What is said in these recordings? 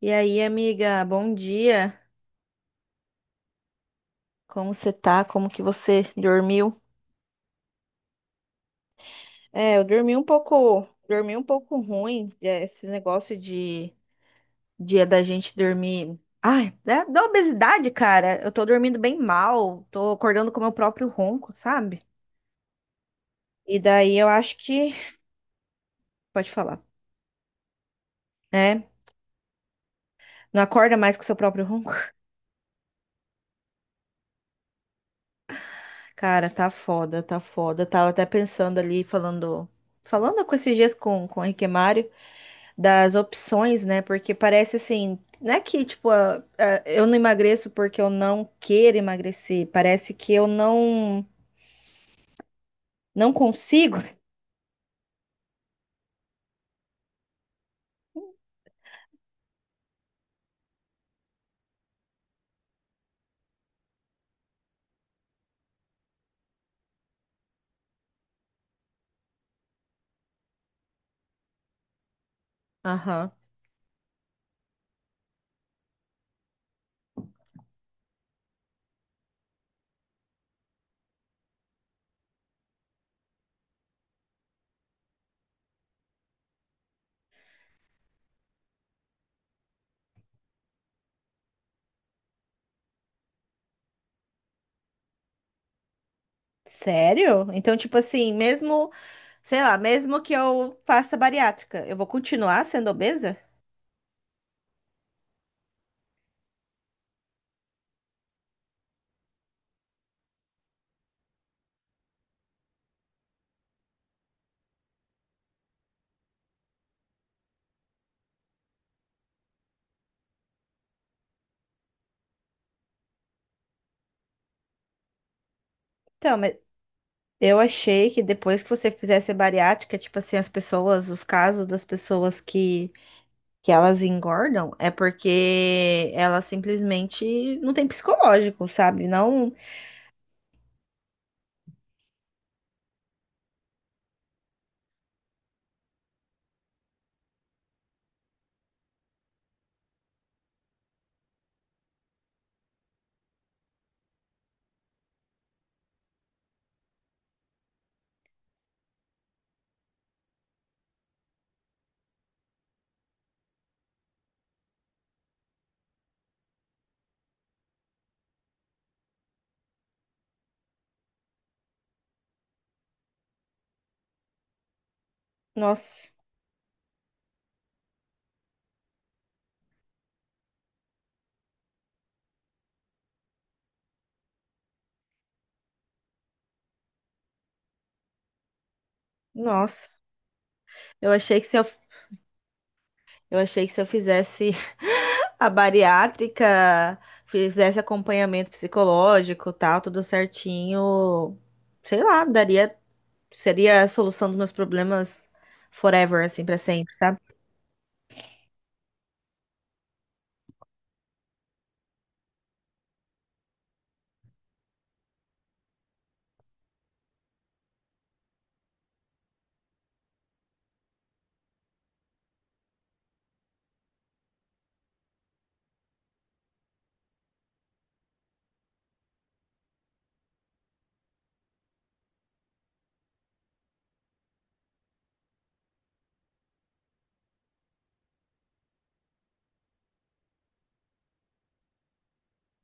E aí, amiga, bom dia. Como você tá? Como que você dormiu? É, eu dormi um pouco ruim. É, esse negócio de dia da gente dormir. Ai, da obesidade, cara. Eu tô dormindo bem mal, tô acordando com o meu próprio ronco, sabe? E daí eu acho que. Pode falar, né? Não acorda mais com o seu próprio ronco? Cara, tá foda, tá foda. Tava até pensando ali, falando. Falando com esses dias com o Henrique Mário. Das opções, né? Porque parece assim, não é que tipo, eu não emagreço porque eu não quero emagrecer, parece que eu não consigo. Aham. Sério? Então, tipo assim, mesmo, sei lá, mesmo que eu faça bariátrica, eu vou continuar sendo obesa? Então, mas eu achei que depois que você fizesse a bariátrica, tipo assim, as pessoas, os casos das pessoas que elas engordam é porque elas simplesmente não têm psicológico, sabe? Não. Nossa, nossa. Eu achei que se eu, eu achei que se eu fizesse a bariátrica, fizesse acompanhamento psicológico, tal, tudo certinho, sei lá, daria, seria a solução dos meus problemas forever, assim, pra sempre, sabe?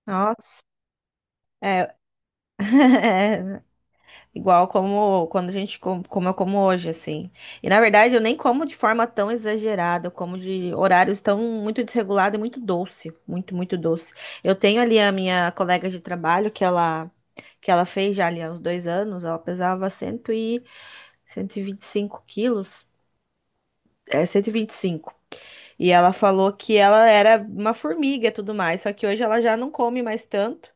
Nossa, é, Igual como quando a gente como eu como hoje, assim. E na verdade eu nem como de forma tão exagerada, eu como de horários tão muito desregulado e muito doce, muito, muito doce. Eu tenho ali a minha colega de trabalho que ela fez já ali há uns dois anos, ela pesava 100 e cento e vinte e cinco quilos. É, cento e vinte e cinco. E ela falou que ela era uma formiga e tudo mais, só que hoje ela já não come mais tanto,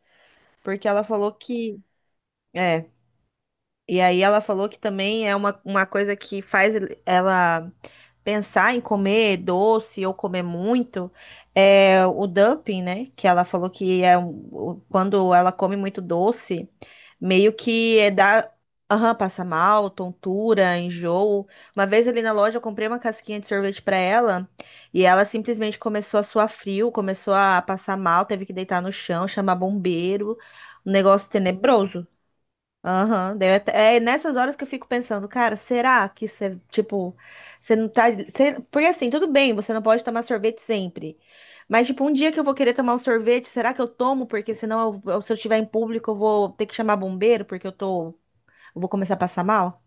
porque ela falou que é. E aí ela falou que também é uma coisa que faz ela pensar em comer doce ou comer muito, é o dumping, né? Que ela falou que é quando ela come muito doce, meio que é dá, aham, passa mal, tontura, enjoo. Uma vez ali na loja eu comprei uma casquinha de sorvete para ela e ela simplesmente começou a suar frio, começou a passar mal, teve que deitar no chão, chamar bombeiro, um negócio tenebroso. Aham, é nessas horas que eu fico pensando, cara, será que isso é, tipo, você não tá, você- porque assim, tudo bem, você não pode tomar sorvete sempre, mas tipo, um dia que eu vou querer tomar um sorvete, será que eu tomo? Porque senão, se eu estiver em público, eu vou ter que chamar bombeiro, porque eu tô, eu vou começar a passar mal?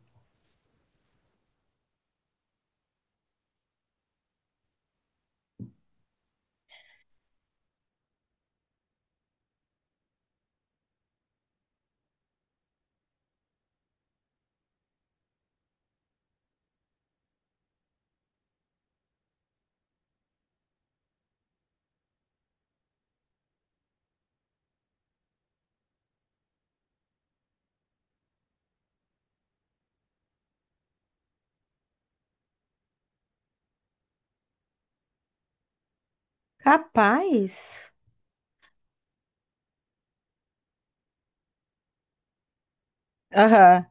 Capaz. Aham.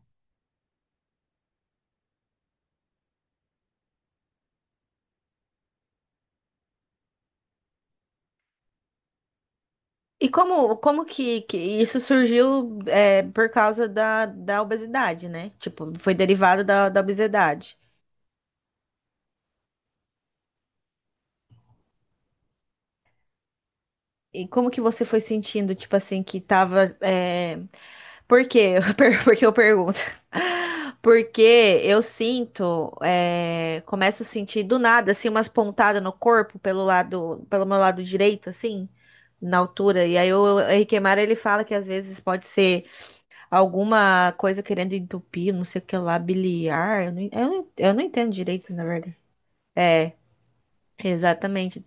E como, como que isso surgiu é, por causa da obesidade, né? Tipo, foi derivado da obesidade. E como que você foi sentindo, tipo assim, que tava. É... Por quê? Por que eu pergunto? Porque eu sinto, é, começo a sentir do nada, assim, umas pontadas no corpo pelo lado, pelo meu lado direito, assim, na altura. E aí o Henrique Mara, ele fala que às vezes pode ser alguma coisa querendo entupir, não sei o que lá, biliar. Eu não entendo direito, na verdade. É, exatamente.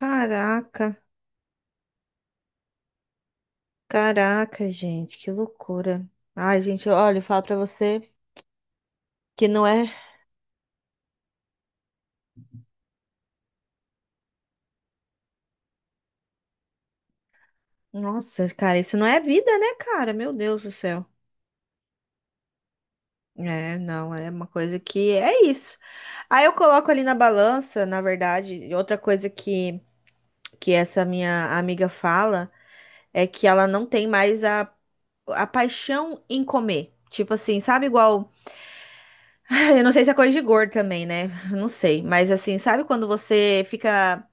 Caraca. Caraca, gente, que loucura. Ai, gente, olha, eu falo pra você que não é. Nossa, cara, isso não é vida, né, cara? Meu Deus do céu. É, não, é uma coisa que é isso. Aí eu coloco ali na balança, na verdade, e outra coisa que essa minha amiga fala é que ela não tem mais a paixão em comer. Tipo assim, sabe igual. Eu não sei se é coisa de gordo também, né? Não sei. Mas assim, sabe quando você fica.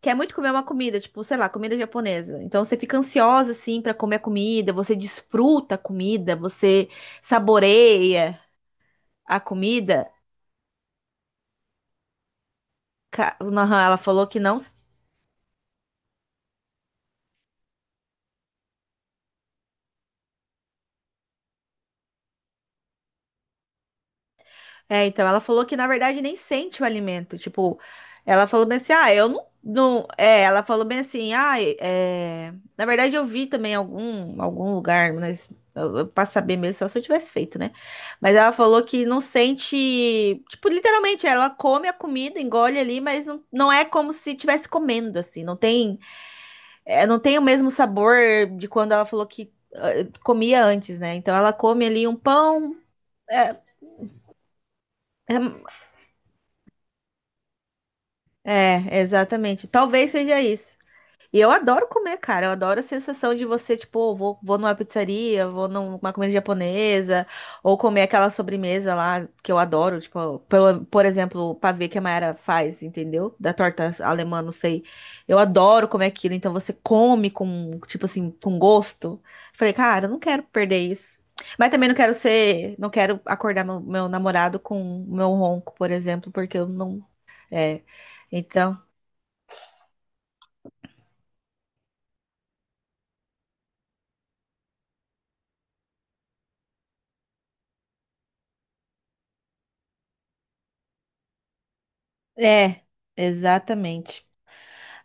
Quer muito comer uma comida, tipo, sei lá, comida japonesa. Então você fica ansiosa assim pra comer a comida, você desfruta a comida, você saboreia a comida. Ela falou que não. É, então, ela falou que na verdade nem sente o alimento. Tipo, ela falou bem assim: ah, eu não. não... é, ela falou bem assim: ah, é... Na verdade eu vi também algum lugar, mas pra saber mesmo, só se eu tivesse feito, né? Mas ela falou que não sente. Tipo, literalmente, ela come a comida, engole ali, mas não, não é como se estivesse comendo, assim. Não tem, é, não tem o mesmo sabor de quando ela falou que comia antes, né? Então ela come ali um pão. É, é. É, exatamente. Talvez seja isso. E eu adoro comer, cara. Eu adoro a sensação de você, tipo, vou numa pizzaria, vou numa comida japonesa, ou comer aquela sobremesa lá que eu adoro, tipo, pelo, por exemplo, o pavê que a Mayara faz, entendeu? Da torta alemã, não sei. Eu adoro comer aquilo, então você come com, tipo assim, com gosto. Falei, cara, eu não quero perder isso. Mas também não quero ser, não quero acordar meu namorado com meu ronco, por exemplo, porque eu não, é. Então, é, exatamente.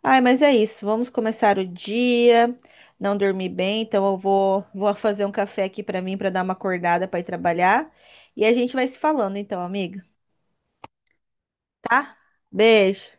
Ai, mas é isso. Vamos começar o dia. Não dormi bem, então vou fazer um café aqui pra mim pra dar uma acordada pra ir trabalhar. E a gente vai se falando então, amiga, tá? Beijo.